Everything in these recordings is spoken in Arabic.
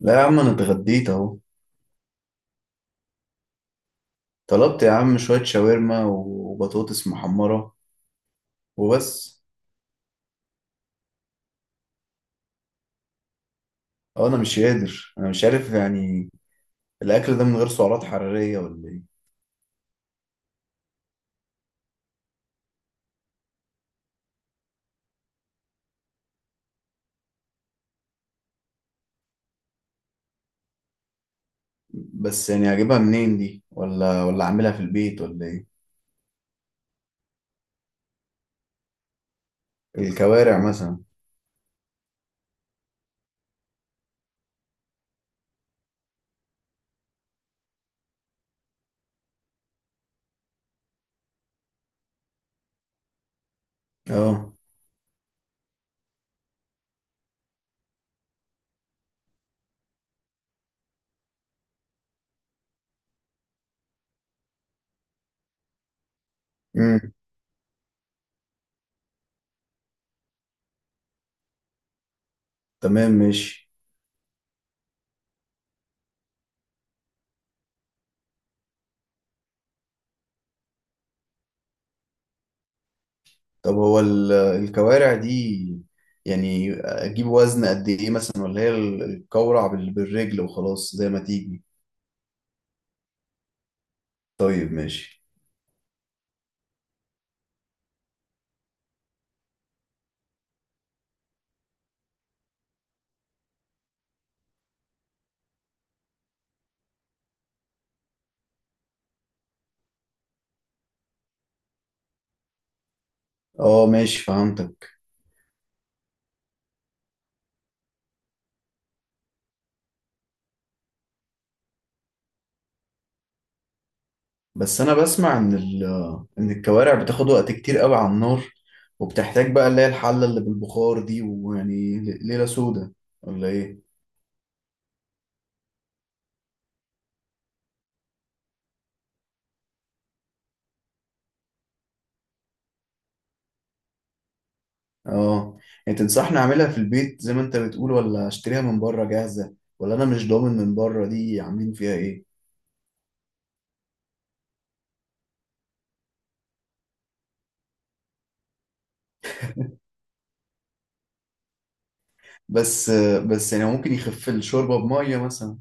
لا يا عم، انا اتغديت اهو. طلبت يا عم شوية شاورما وبطاطس محمرة وبس. اه انا مش قادر، انا مش عارف يعني. الاكل ده من غير سعرات حرارية ولا ايه؟ بس يعني اجيبها منين دي، ولا اعملها في البيت ولا ايه؟ الكوارع مثلا. اه. امم. تمام ماشي. طب هو الكوارع دي يعني اجيب وزن قد ايه مثلا، ولا هي القورع بالرجل وخلاص زي ما تيجي؟ طيب ماشي. اه ماشي، فهمتك. بس انا بسمع ان ان الكوارع بتاخد وقت كتير قوي على النار، وبتحتاج بقى اللي هي الحلة اللي بالبخار دي، ويعني ليلة سودة ولا ايه؟ اه. يعني تنصحني اعملها في البيت زي ما انت بتقول، ولا اشتريها من بره جاهزة؟ ولا انا مش ضامن من بره دي عاملين فيها ايه. بس. بس يعني ممكن يخف الشوربة بمية مثلا،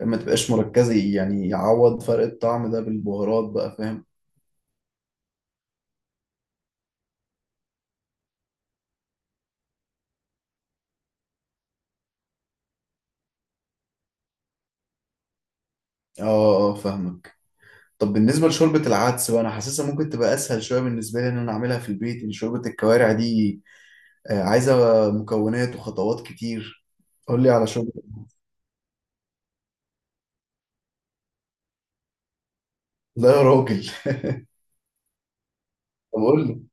ما تبقاش مركزة، يعني يعوض فرق الطعم ده بالبهارات بقى فاهم. اه. اه فاهمك. طب بالنسبة لشوربة العدس بقى، أنا حاسسها ممكن تبقى أسهل شوية بالنسبة لي إن أنا أعملها في البيت، إن شوربة الكوارع دي عايزة مكونات وخطوات كتير. قول لي على شوربة. لا يا راجل. طب قول لي.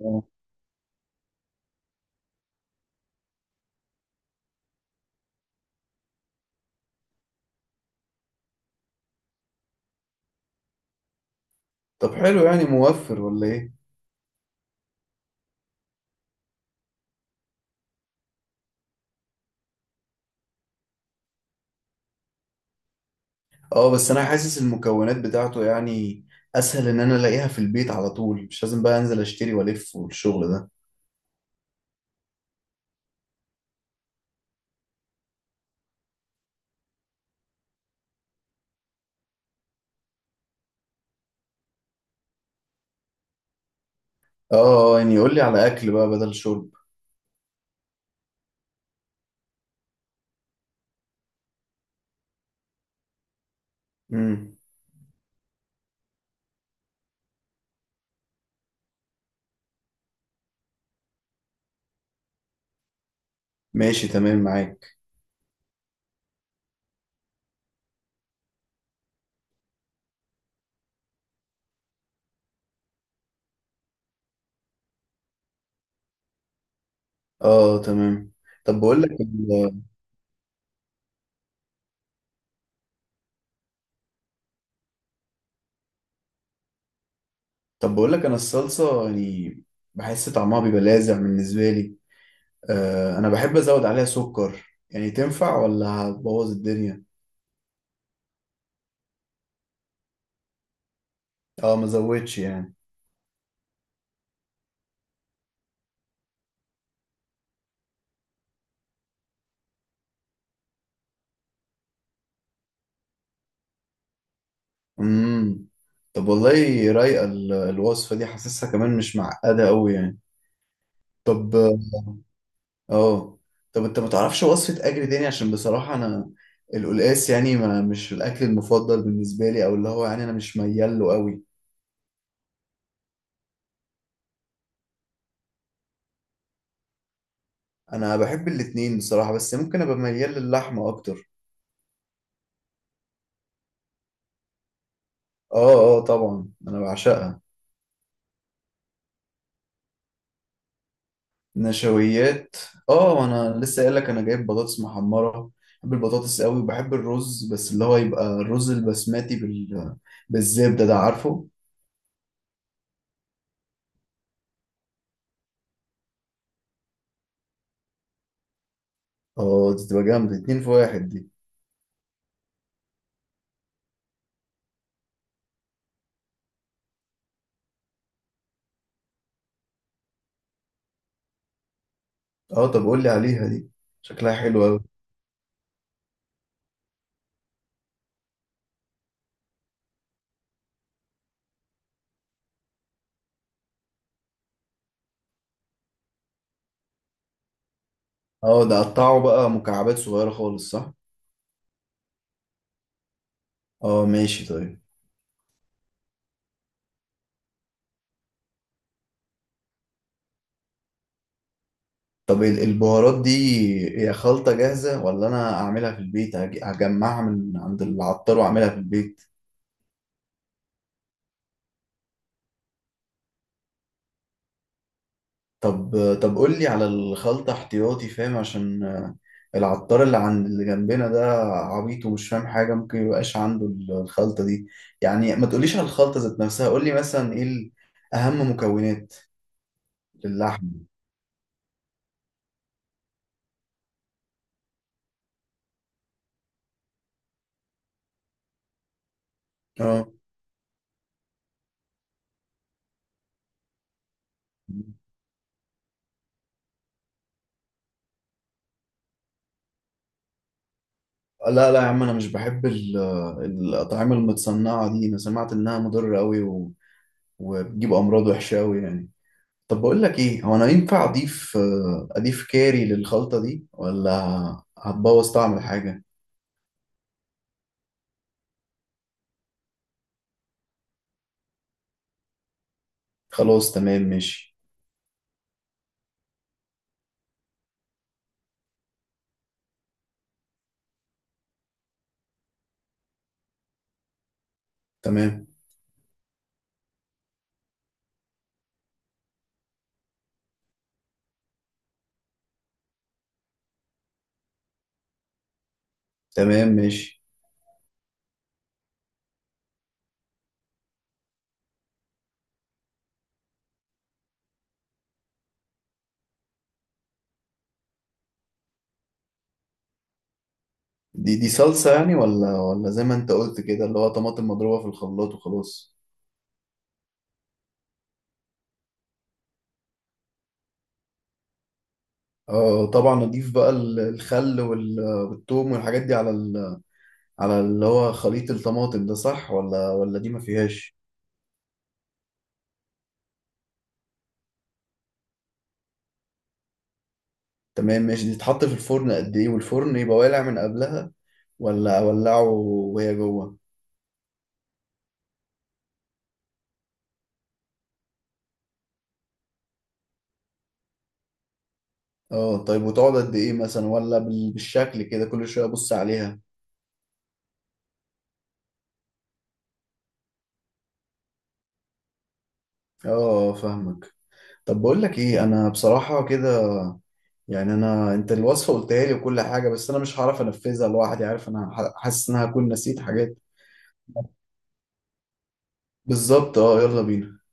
آه. طب حلو، يعني موفر ولا إيه؟ أه بس أنا حاسس المكونات بتاعته يعني أسهل، إن أنا ألاقيها في البيت على طول، مش لازم بقى أنزل أشتري وألف والشغل ده. أه. يعني قول لي على أكل بقى بدل شرب. امم. ماشي تمام معاك. أه تمام. طب بقول لك. طب بقول لك انا الصلصه يعني بحس طعمها بيبقى لاذع بالنسبه لي. آه انا بحب ازود عليها سكر، يعني تنفع ولا هتبوظ الدنيا؟ اه ما زودش يعني. امم. طب والله رايقه الوصفه دي، حاسسها كمان مش معقده قوي يعني. طب. اه. طب انت ما تعرفش وصفه اكل تاني، عشان بصراحه انا القلقاس يعني ما مش الاكل المفضل بالنسبه لي، او اللي هو يعني انا مش ميال له قوي. انا بحب الاتنين بصراحه، بس ممكن ابقى ميال للحمه اكتر. اه. اه طبعا انا بعشقها. نشويات؟ اه انا لسه قايل لك انا جايب بطاطس محمره. بحب البطاطس قوي وبحب الرز، بس اللي هو يبقى الرز البسماتي بالزبده ده، عارفه. اه دي تبقى جامده، اتنين في واحد دي. اه طب قول لي عليها دي، شكلها حلو قوي. اه ده قطعه بقى مكعبات صغيره خالص، صح؟ اه ماشي طيب. طب البهارات دي هي خلطه جاهزه، ولا انا اعملها في البيت، هجمعها من عند العطار واعملها في البيت؟ طب. طب قول لي على الخلطة احتياطي فاهم، عشان العطار اللي عند اللي جنبنا ده عبيط ومش فاهم حاجة، ممكن ميبقاش عنده الخلطة دي. يعني ما تقوليش على الخلطة ذات نفسها، قول لي مثلا ايه أهم مكونات للحم. اه. لا لا يا عم، انا مش بحب الأطعمة المتصنعة دي، انا سمعت انها مضرة قوي وبتجيب امراض وحشه قوي يعني. طب بقول لك ايه، هو انا ينفع اضيف اضيف كاري للخلطه دي، ولا هتبوظ طعم الحاجه؟ خلاص تمام ماشي. تمام. تمام ماشي. دي صلصة يعني، ولا زي ما انت قلت كده، اللي هو طماطم مضروبة في الخلاط وخلاص؟ اه طبعا اضيف بقى الخل والثوم والحاجات دي على على اللي هو خليط الطماطم ده، صح ولا دي ما فيهاش؟ تمام ماشي. دي تتحط في الفرن قد ايه، والفرن يبقى والع من قبلها ولا اولعه وهي جوه؟ اه طيب، وتقعد قد ايه مثلا، ولا بالشكل كده كل شوية ابص عليها؟ اه آه، فاهمك. طب بقول لك ايه، انا بصراحة كده يعني، انا انت الوصفه قلتها لي وكل حاجه، بس انا مش هعرف انفذها لوحدي، عارف انا حاسس ان انا هكون نسيت حاجات. بالظبط اه، يلا بينا.